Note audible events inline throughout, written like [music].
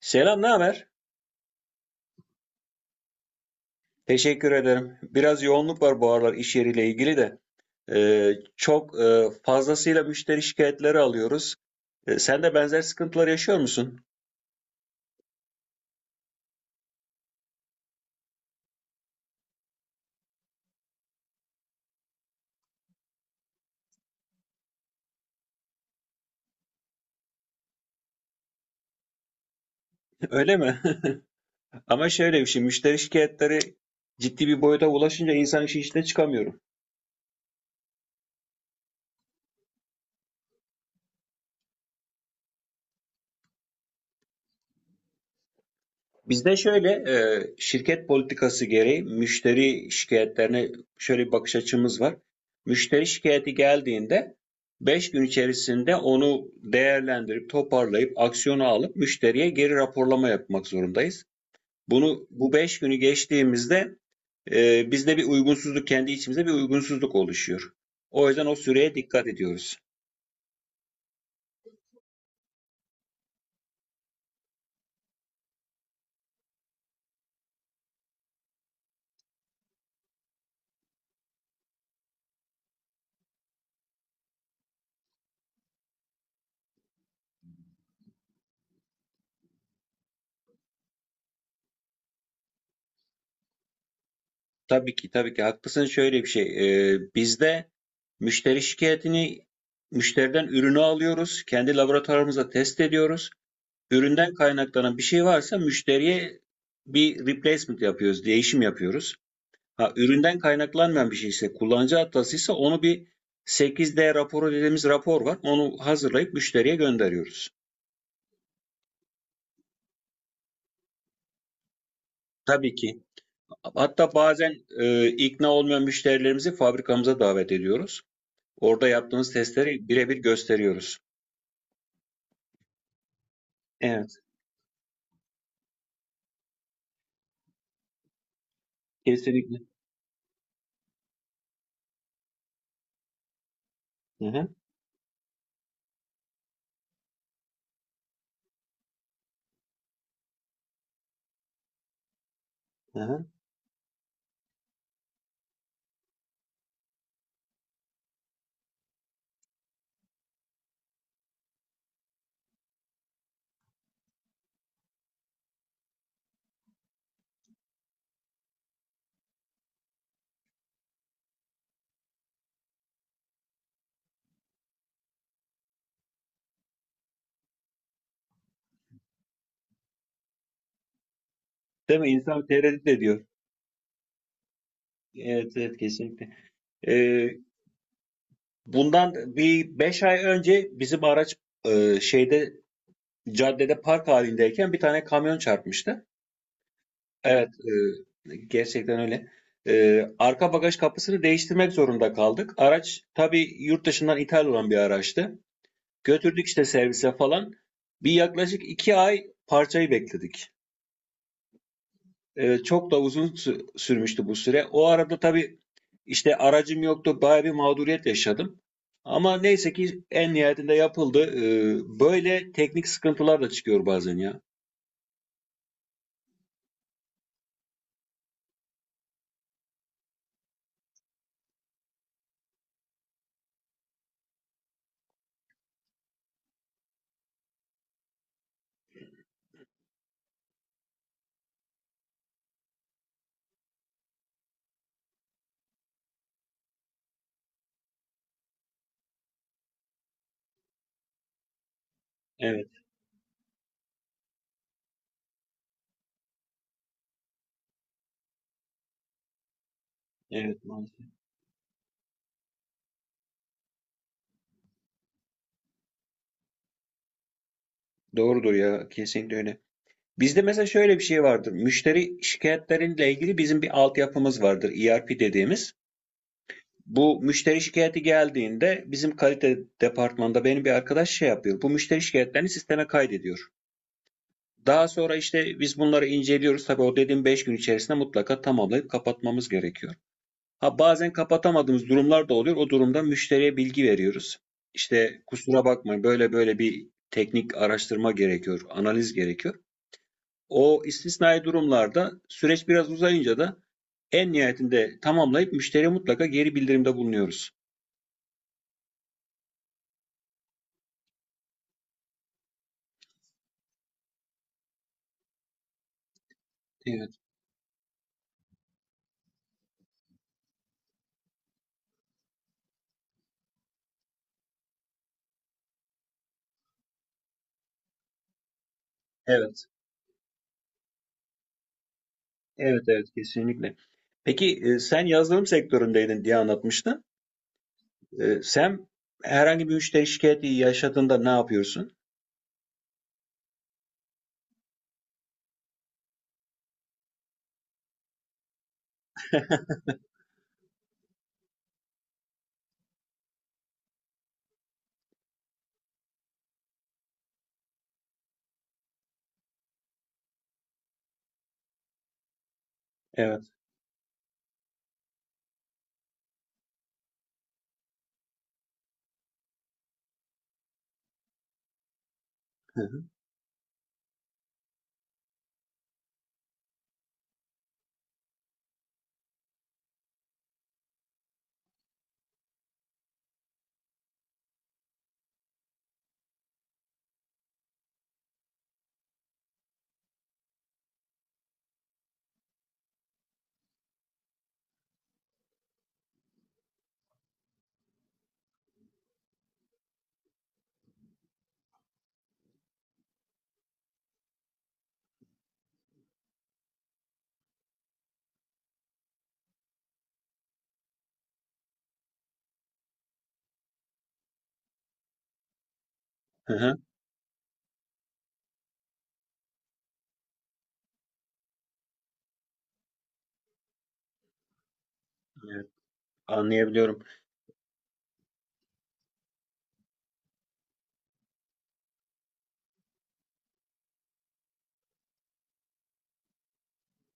Selam, ne haber? Teşekkür ederim. Biraz yoğunluk var bu aralar iş yeriyle ilgili de. Çok fazlasıyla müşteri şikayetleri alıyoruz. Sen de benzer sıkıntılar yaşıyor musun? Öyle mi? [laughs] Ama şöyle bir şey, müşteri şikayetleri ciddi bir boyuta ulaşınca insan işin içine çıkamıyor. Bizde şöyle, şirket politikası gereği müşteri şikayetlerine şöyle bir bakış açımız var. Müşteri şikayeti geldiğinde 5 gün içerisinde onu değerlendirip toparlayıp aksiyonu alıp müşteriye geri raporlama yapmak zorundayız. Bunu bu 5 günü geçtiğimizde bizde bir uygunsuzluk, kendi içimizde bir uygunsuzluk oluşuyor. O yüzden o süreye dikkat ediyoruz. Tabii ki, tabii ki haklısın. Şöyle bir şey, bizde müşteri şikayetini, müşteriden ürünü alıyoruz, kendi laboratuvarımızda test ediyoruz. Üründen kaynaklanan bir şey varsa müşteriye bir replacement yapıyoruz, değişim yapıyoruz. Ha, üründen kaynaklanmayan bir şey ise, kullanıcı hatasıysa onu bir 8D raporu dediğimiz rapor var. Onu hazırlayıp müşteriye gönderiyoruz. Tabii ki. Hatta bazen ikna olmayan müşterilerimizi fabrikamıza davet ediyoruz. Orada yaptığımız testleri birebir gösteriyoruz. Evet, kesinlikle. Hı hı, hı hı. Değil mi? İnsan tereddüt ediyor. Evet, evet, kesinlikle. Ee, Bundan bir 5 ay önce bizim araç, şeyde, caddede park halindeyken bir tane kamyon çarpmıştı. Evet, gerçekten öyle. Arka bagaj kapısını değiştirmek zorunda kaldık. Araç tabii yurt dışından ithal olan bir araçtı. Götürdük işte servise falan. Bir yaklaşık 2 ay parçayı bekledik. Çok da uzun sürmüştü bu süre. O arada tabii İşte aracım yoktu. Bayağı bir mağduriyet yaşadım. Ama neyse ki en nihayetinde yapıldı. Böyle teknik sıkıntılar da çıkıyor bazen ya. Evet, evet, maalesef. Doğrudur ya, kesinlikle öyle. Bizde mesela şöyle bir şey vardır. Müşteri şikayetlerinle ilgili bizim bir altyapımız vardır, ERP dediğimiz. Bu müşteri şikayeti geldiğinde bizim kalite departmanında benim bir arkadaş şey yapıyor. Bu müşteri şikayetlerini sisteme kaydediyor. Daha sonra işte biz bunları inceliyoruz. Tabii o dediğim 5 gün içerisinde mutlaka tamamlayıp kapatmamız gerekiyor. Ha, bazen kapatamadığımız durumlar da oluyor. O durumda müşteriye bilgi veriyoruz. İşte kusura bakma, böyle böyle bir teknik araştırma gerekiyor, analiz gerekiyor. O istisnai durumlarda süreç biraz uzayınca da en nihayetinde tamamlayıp müşteriye mutlaka geri bildirimde bulunuyoruz. Evet, evet. Evet, evet, kesinlikle. Peki, sen yazılım sektöründeydin diye anlatmıştın. Sen herhangi bir müşteri şikayeti yaşadığında ne yapıyorsun? [laughs] Evet. Hı hı. Evet, anlayabiliyorum.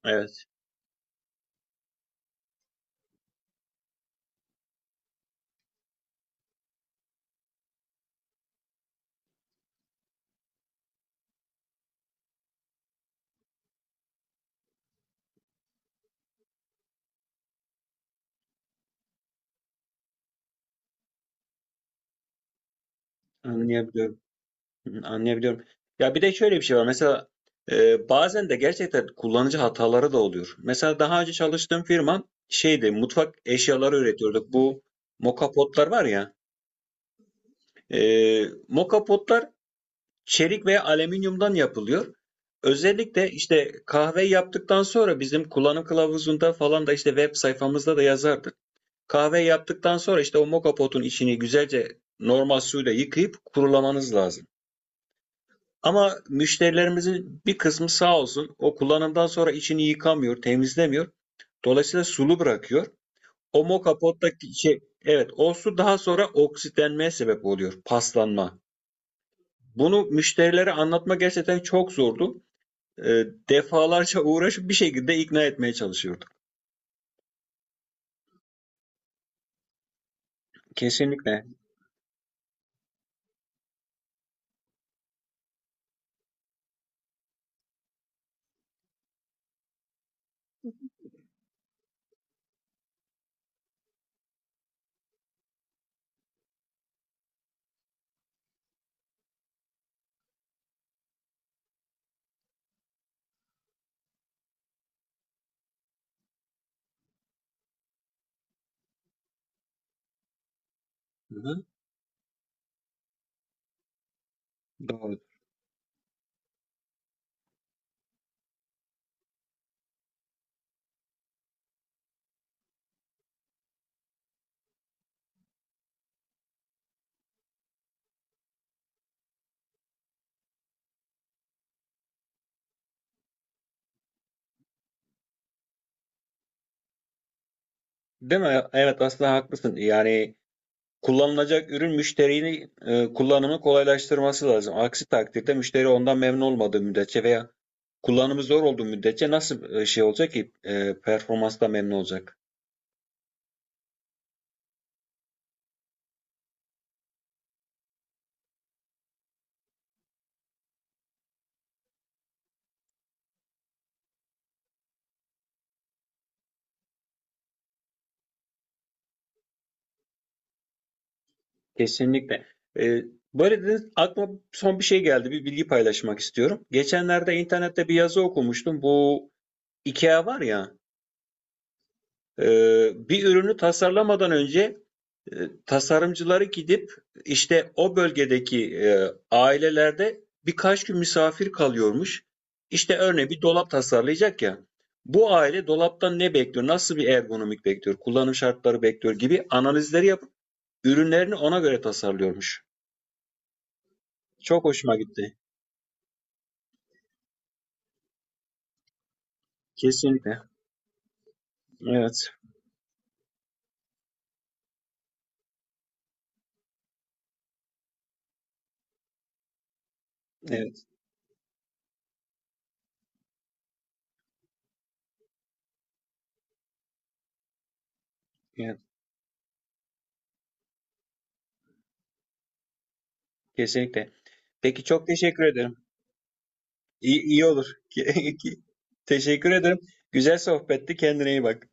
Evet, anlayabiliyorum. Hı, anlayabiliyorum. Ya bir de şöyle bir şey var. Mesela bazen de gerçekten kullanıcı hataları da oluyor. Mesela daha önce çalıştığım firma şeydi, mutfak eşyaları üretiyorduk. Bu mokapotlar var ya. E, mokapotlar çelik ve alüminyumdan yapılıyor. Özellikle işte kahve yaptıktan sonra bizim kullanım kılavuzunda falan da, işte web sayfamızda da yazardık. Kahve yaptıktan sonra işte o moka potun içini güzelce normal suyla yıkayıp kurulamanız lazım. Ama müşterilerimizin bir kısmı sağ olsun o kullanımdan sonra içini yıkamıyor, temizlemiyor. Dolayısıyla sulu bırakıyor. O moka pottaki şey, evet, o su daha sonra oksitlenmeye sebep oluyor, paslanma. Bunu müşterilere anlatma gerçekten çok zordu. Defalarca uğraşıp bir şekilde ikna etmeye çalışıyorduk. Kesinlikle. Hı hı. Doğru. Değil mi? Evet, aslında haklısın. Yani kullanılacak ürün müşterinin kullanımı kolaylaştırması lazım. Aksi takdirde müşteri ondan memnun olmadığı müddetçe veya kullanımı zor olduğu müddetçe nasıl şey olacak ki performansla memnun olacak? Kesinlikle. E, böyle dediniz, aklıma son bir şey geldi. Bir bilgi paylaşmak istiyorum. Geçenlerde internette bir yazı okumuştum. Bu IKEA var ya. Bir ürünü tasarlamadan önce e, tasarımcıları gidip işte o bölgedeki ailelerde birkaç gün misafir kalıyormuş. İşte örneğin bir dolap tasarlayacak ya. Bu aile dolaptan ne bekliyor, nasıl bir ergonomik bekliyor, kullanım şartları bekliyor gibi analizleri yapıp ürünlerini ona göre tasarlıyormuş. Çok hoşuma gitti. Kesinlikle. Evet. Evet. Evet. Kesinlikle. Peki, çok teşekkür ederim. İyi, iyi olur. [laughs] Teşekkür ederim. Güzel sohbetti. Kendine iyi bak.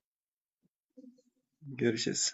Görüşürüz.